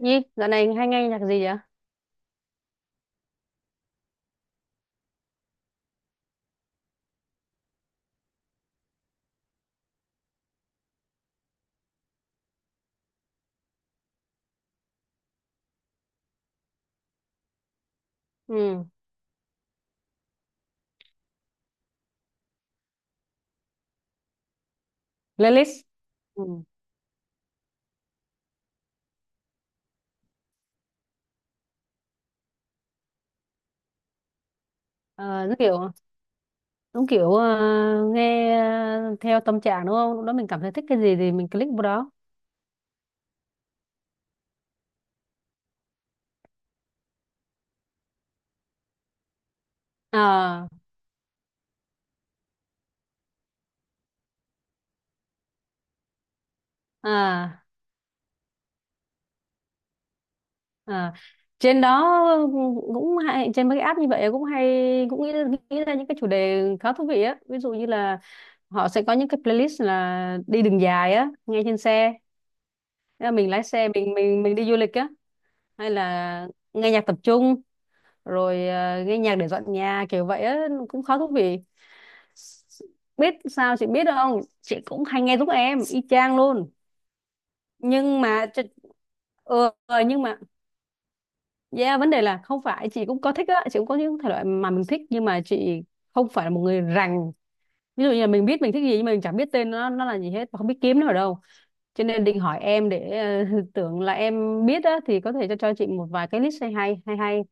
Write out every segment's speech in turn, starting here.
Nhi, dạo này hay nghe nhạc gì vậy? Ừ, playlist. Ừ. Ờ, nó kiểu đúng kiểu, nghe theo tâm trạng đúng không? Lúc đó mình cảm thấy thích cái gì thì mình click vào đó. À, à, à. Trên đó cũng hay, trên mấy cái app như vậy cũng hay, cũng nghĩ ra những cái chủ đề khá thú vị á. Ví dụ như là họ sẽ có những cái playlist là đi đường dài á, nghe trên xe. Thế là mình lái xe, mình đi du lịch á, hay là nghe nhạc tập trung, rồi nghe nhạc để dọn nhà kiểu vậy á, cũng khá thú vị. Biết sao chị biết không, chị cũng hay nghe giúp em y chang luôn. Nhưng mà chị- ừ, ờ, nhưng mà, yeah, vấn đề là không phải chị cũng có thích á, chị cũng có những thể loại mà mình thích, nhưng mà chị không phải là một người rành. Ví dụ như là mình biết mình thích gì, nhưng mà mình chẳng biết tên nó là gì hết, và không biết kiếm nó ở đâu, cho nên định hỏi em để ờ, tưởng là em biết á, thì có thể cho chị một vài cái list hay hay hay hay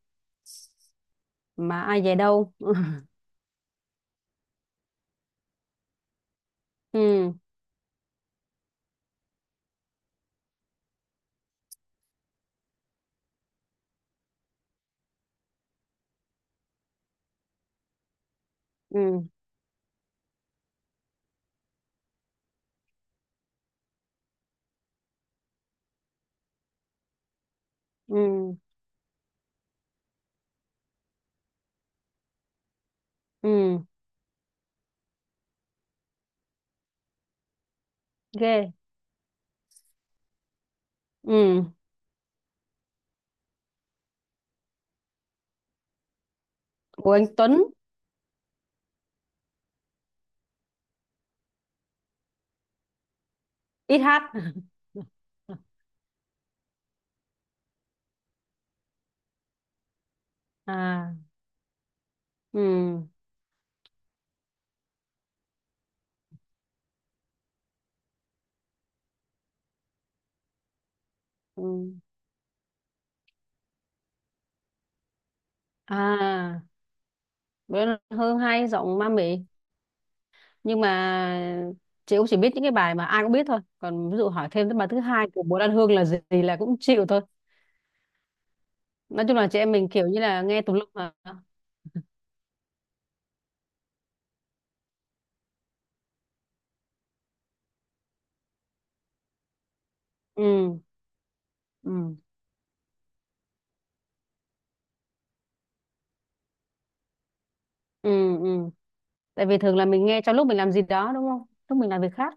mà ai về đâu. Ừ, ừ, ừ, ừ. Ghê. Ừ. Của anh Tuấn. Ít hát. À. Ừ, ừ. À, bữa Hương hay, giọng ma mị. Nhưng mà chị cũng chỉ biết những cái bài mà ai cũng biết thôi, còn ví dụ hỏi thêm tới bài thứ hai của Bùi Lan Hương là gì thì là cũng chịu thôi. Nói chung là chị em mình kiểu như là nghe tùm lum mà. Ừ, ừ, ừ, ừ. Tại vì thường là mình nghe trong lúc mình làm gì đó đúng không, lúc mình làm việc khác.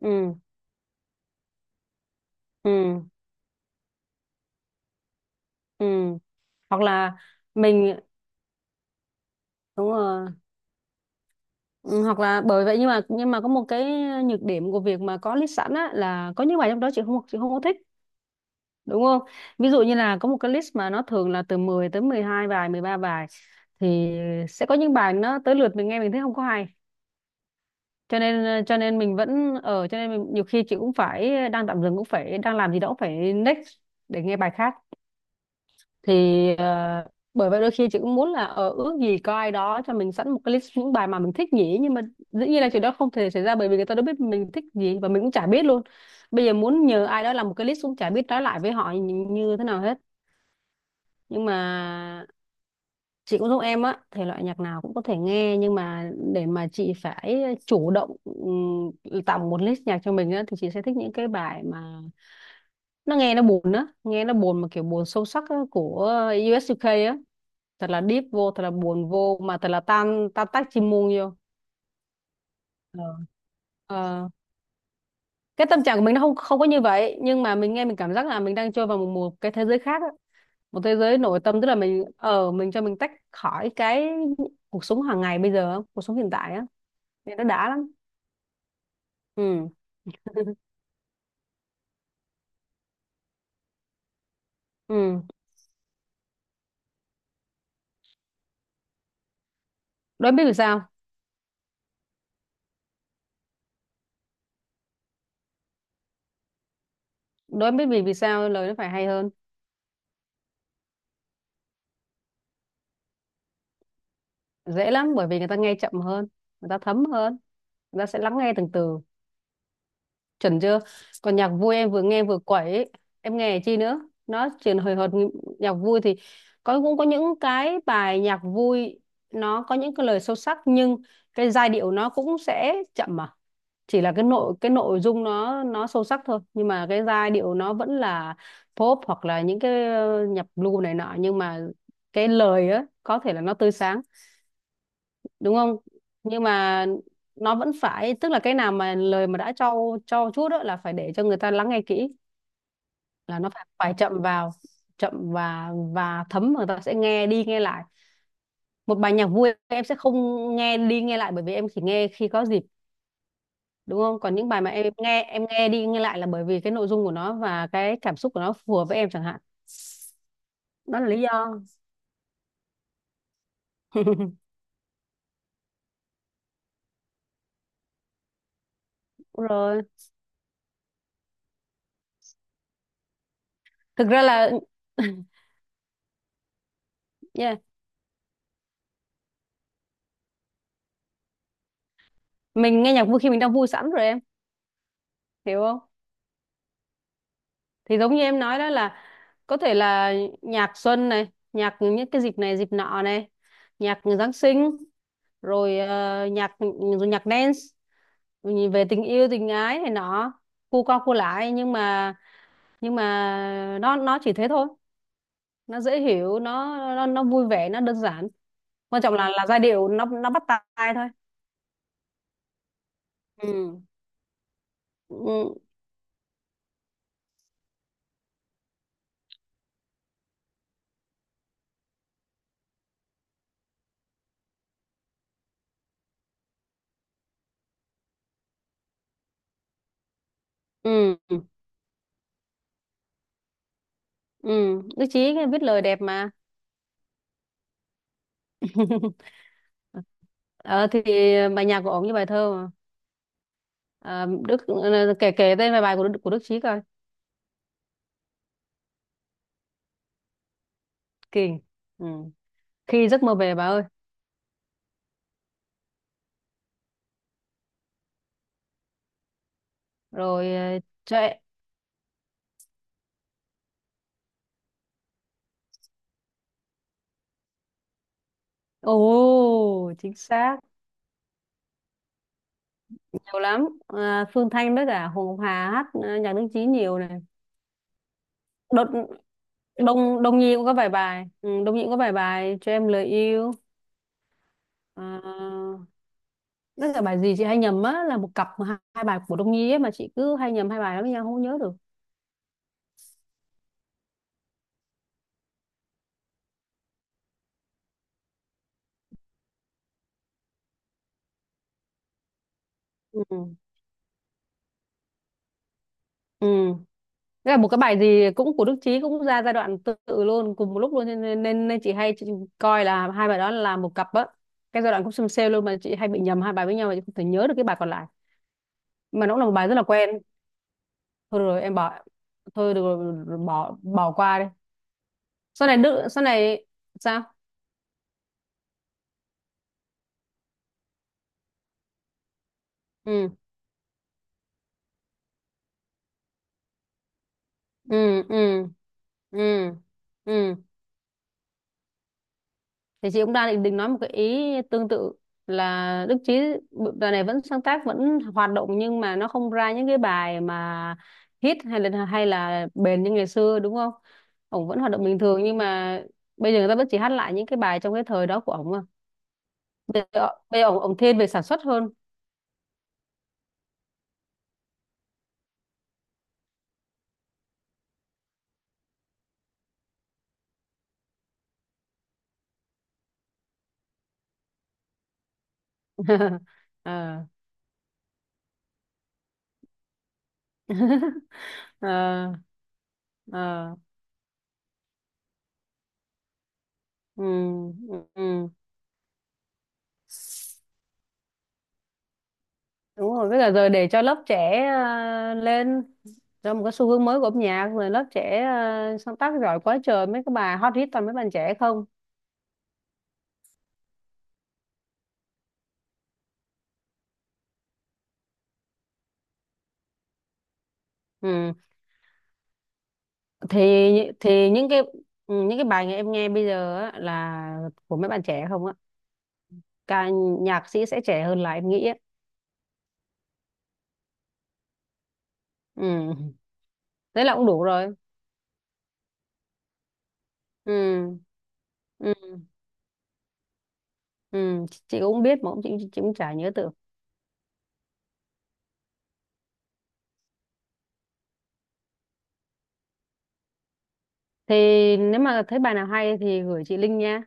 Ừ, ừ, ừ. Hoặc là mình. Đúng rồi. Ừ, hoặc là bởi vậy. Nhưng mà có một cái nhược điểm của việc mà có list sẵn á, là có những bài trong đó chị không có thích, đúng không? Ví dụ như là có một cái list mà nó thường là từ 10 tới 12 bài, 13 bài, thì sẽ có những bài nó tới lượt mình nghe mình thấy không có hay, cho nên mình vẫn ở cho nên mình, nhiều khi chị cũng phải đang tạm dừng, cũng phải đang làm gì đó, cũng phải next để nghe bài khác. Thì ờ, bởi vậy đôi khi chị cũng muốn là ở ước gì có ai đó cho mình sẵn một cái list những bài mà mình thích nhỉ, nhưng mà dĩ nhiên là chuyện đó không thể xảy ra, bởi vì người ta đâu biết mình thích gì và mình cũng chả biết luôn. Bây giờ muốn nhờ ai đó làm một cái list cũng chả biết nói lại với họ như thế nào hết. Nhưng mà chị cũng giống em á, thể loại nhạc nào cũng có thể nghe, nhưng mà để mà chị phải chủ động tạo một list nhạc cho mình á, thì chị sẽ thích những cái bài mà nó nghe nó buồn á, nghe nó buồn mà kiểu buồn sâu sắc á, của US UK á, thật là deep vô, thật là buồn vô, mà thật là tan tan tác chim muông vô. Ờ. Ờ, cái tâm trạng của mình nó không không có như vậy, nhưng mà mình nghe mình cảm giác là mình đang trôi vào một cái thế giới khác á. Một thế giới nội tâm, tức là mình ở mình cho mình tách khỏi cái cuộc sống hàng ngày bây giờ á, cuộc sống hiện tại á, nên nó đã lắm. Ừ, ừ. Đối biết vì sao. Đối biết vì vì sao lời nó phải hay hơn? Dễ lắm, bởi vì người ta nghe chậm hơn, người ta thấm hơn, người ta sẽ lắng nghe từng từ. Chuẩn chưa? Còn nhạc vui em vừa nghe vừa quẩy ấy. Em nghe chi nữa? Nó chuyển hồi hộp. Nhạc vui thì có, cũng có những cái bài nhạc vui nó có những cái lời sâu sắc, nhưng cái giai điệu nó cũng sẽ chậm mà. Chỉ là cái nội dung nó sâu sắc thôi, nhưng mà cái giai điệu nó vẫn là pop, hoặc là những cái nhạc blue này nọ, nhưng mà cái lời á có thể là nó tươi sáng, đúng không? Nhưng mà nó vẫn phải, tức là cái nào mà lời mà đã cho chút đó là phải để cho người ta lắng nghe kỹ, là nó phải phải chậm vào, chậm và thấm, người ta sẽ nghe đi nghe lại. Một bài nhạc vui em sẽ không nghe đi nghe lại, bởi vì em chỉ nghe khi có dịp, đúng không? Còn những bài mà em nghe đi nghe lại là bởi vì cái nội dung của nó và cái cảm xúc của nó phù hợp với em chẳng hạn. Đó là lý do. Đúng rồi, thực ra là yeah, mình nghe nhạc vui khi mình đang vui sẵn rồi, em hiểu không? Thì giống như em nói đó, là có thể là nhạc xuân này, nhạc những cái dịp này dịp nọ này, nhạc Giáng sinh, rồi nhạc rồi nhạc dance về tình yêu tình ái này nọ, cu cao cu lại. Nhưng mà nó chỉ thế thôi. Nó dễ hiểu, nó vui vẻ, nó đơn giản, quan trọng là giai điệu nó bắt tai thôi. Ừ, ừ, ừ, ừ. Đức Chí viết lời đẹp mà. Ờ thì bài nhạc của ổng như bài thơ. À, kể kể tên vài bài của Đức Chí coi. Kỳ. Ừ. Khi giấc mơ về bà ơi, rồi chạy. Ồ, chính xác. Nhiều lắm. À, Phương Thanh với cả Hồ Ngọc Hà hát nhạc Đức Chí nhiều này. Đột, Đông Đông Nhi cũng có vài bài, Đông Nhi cũng có vài bài cho em lời yêu. À, với cả bài gì chị hay nhầm á, là một cặp mà hai bài của Đông Nhi ấy, mà chị cứ hay nhầm hai bài đó với nhau, không nhớ được. Ừ. Ừ. Thế là một cái bài gì cũng của Đức Chí cũng ra giai đoạn tương tự luôn, cùng một lúc luôn, nên nên, nên nên chị hay coi là hai bài đó là một cặp á. Cái giai đoạn cũng xem sale luôn, mà chị hay bị nhầm hai bài với nhau, mà chị không thể nhớ được cái bài còn lại, mà nó cũng là một bài rất là quen. Thôi được rồi, em bỏ, thôi được rồi, bỏ bỏ qua đi. Sau này sao? Ừ, ừ, ừ, ừ, ừ, ừ. Thì chị cũng đang định nói một cái ý tương tự, là Đức Chí bài này vẫn sáng tác, vẫn hoạt động, nhưng mà nó không ra những cái bài mà hit, hay là bền như ngày xưa, đúng không? Ổng vẫn hoạt động bình thường, nhưng mà bây giờ người ta vẫn chỉ hát lại những cái bài trong cái thời đó của ổng à. Bây giờ ổng ổng thiên về sản xuất hơn. Ờ. Ờ. Ờ. Ừ. Ừ. Ừ. Đúng rồi, với cả giờ để cho lớp trẻ lên, cho một cái xu hướng mới của âm nhạc, rồi lớp trẻ sáng tác giỏi quá trời, mấy cái bài hot hit toàn mấy bạn trẻ không. Ừ. thì thì những cái bài em nghe bây giờ á, là của mấy bạn trẻ không á. ca Nhạc sĩ sẽ trẻ hơn là em nghĩ á. Ừ. Thế là cũng đủ rồi. Ừ. Ừ. Ừ. Chị cũng biết mà, cũng chị cũng chả nhớ tưởng. Thì nếu mà thấy bài nào hay thì gửi chị link nha.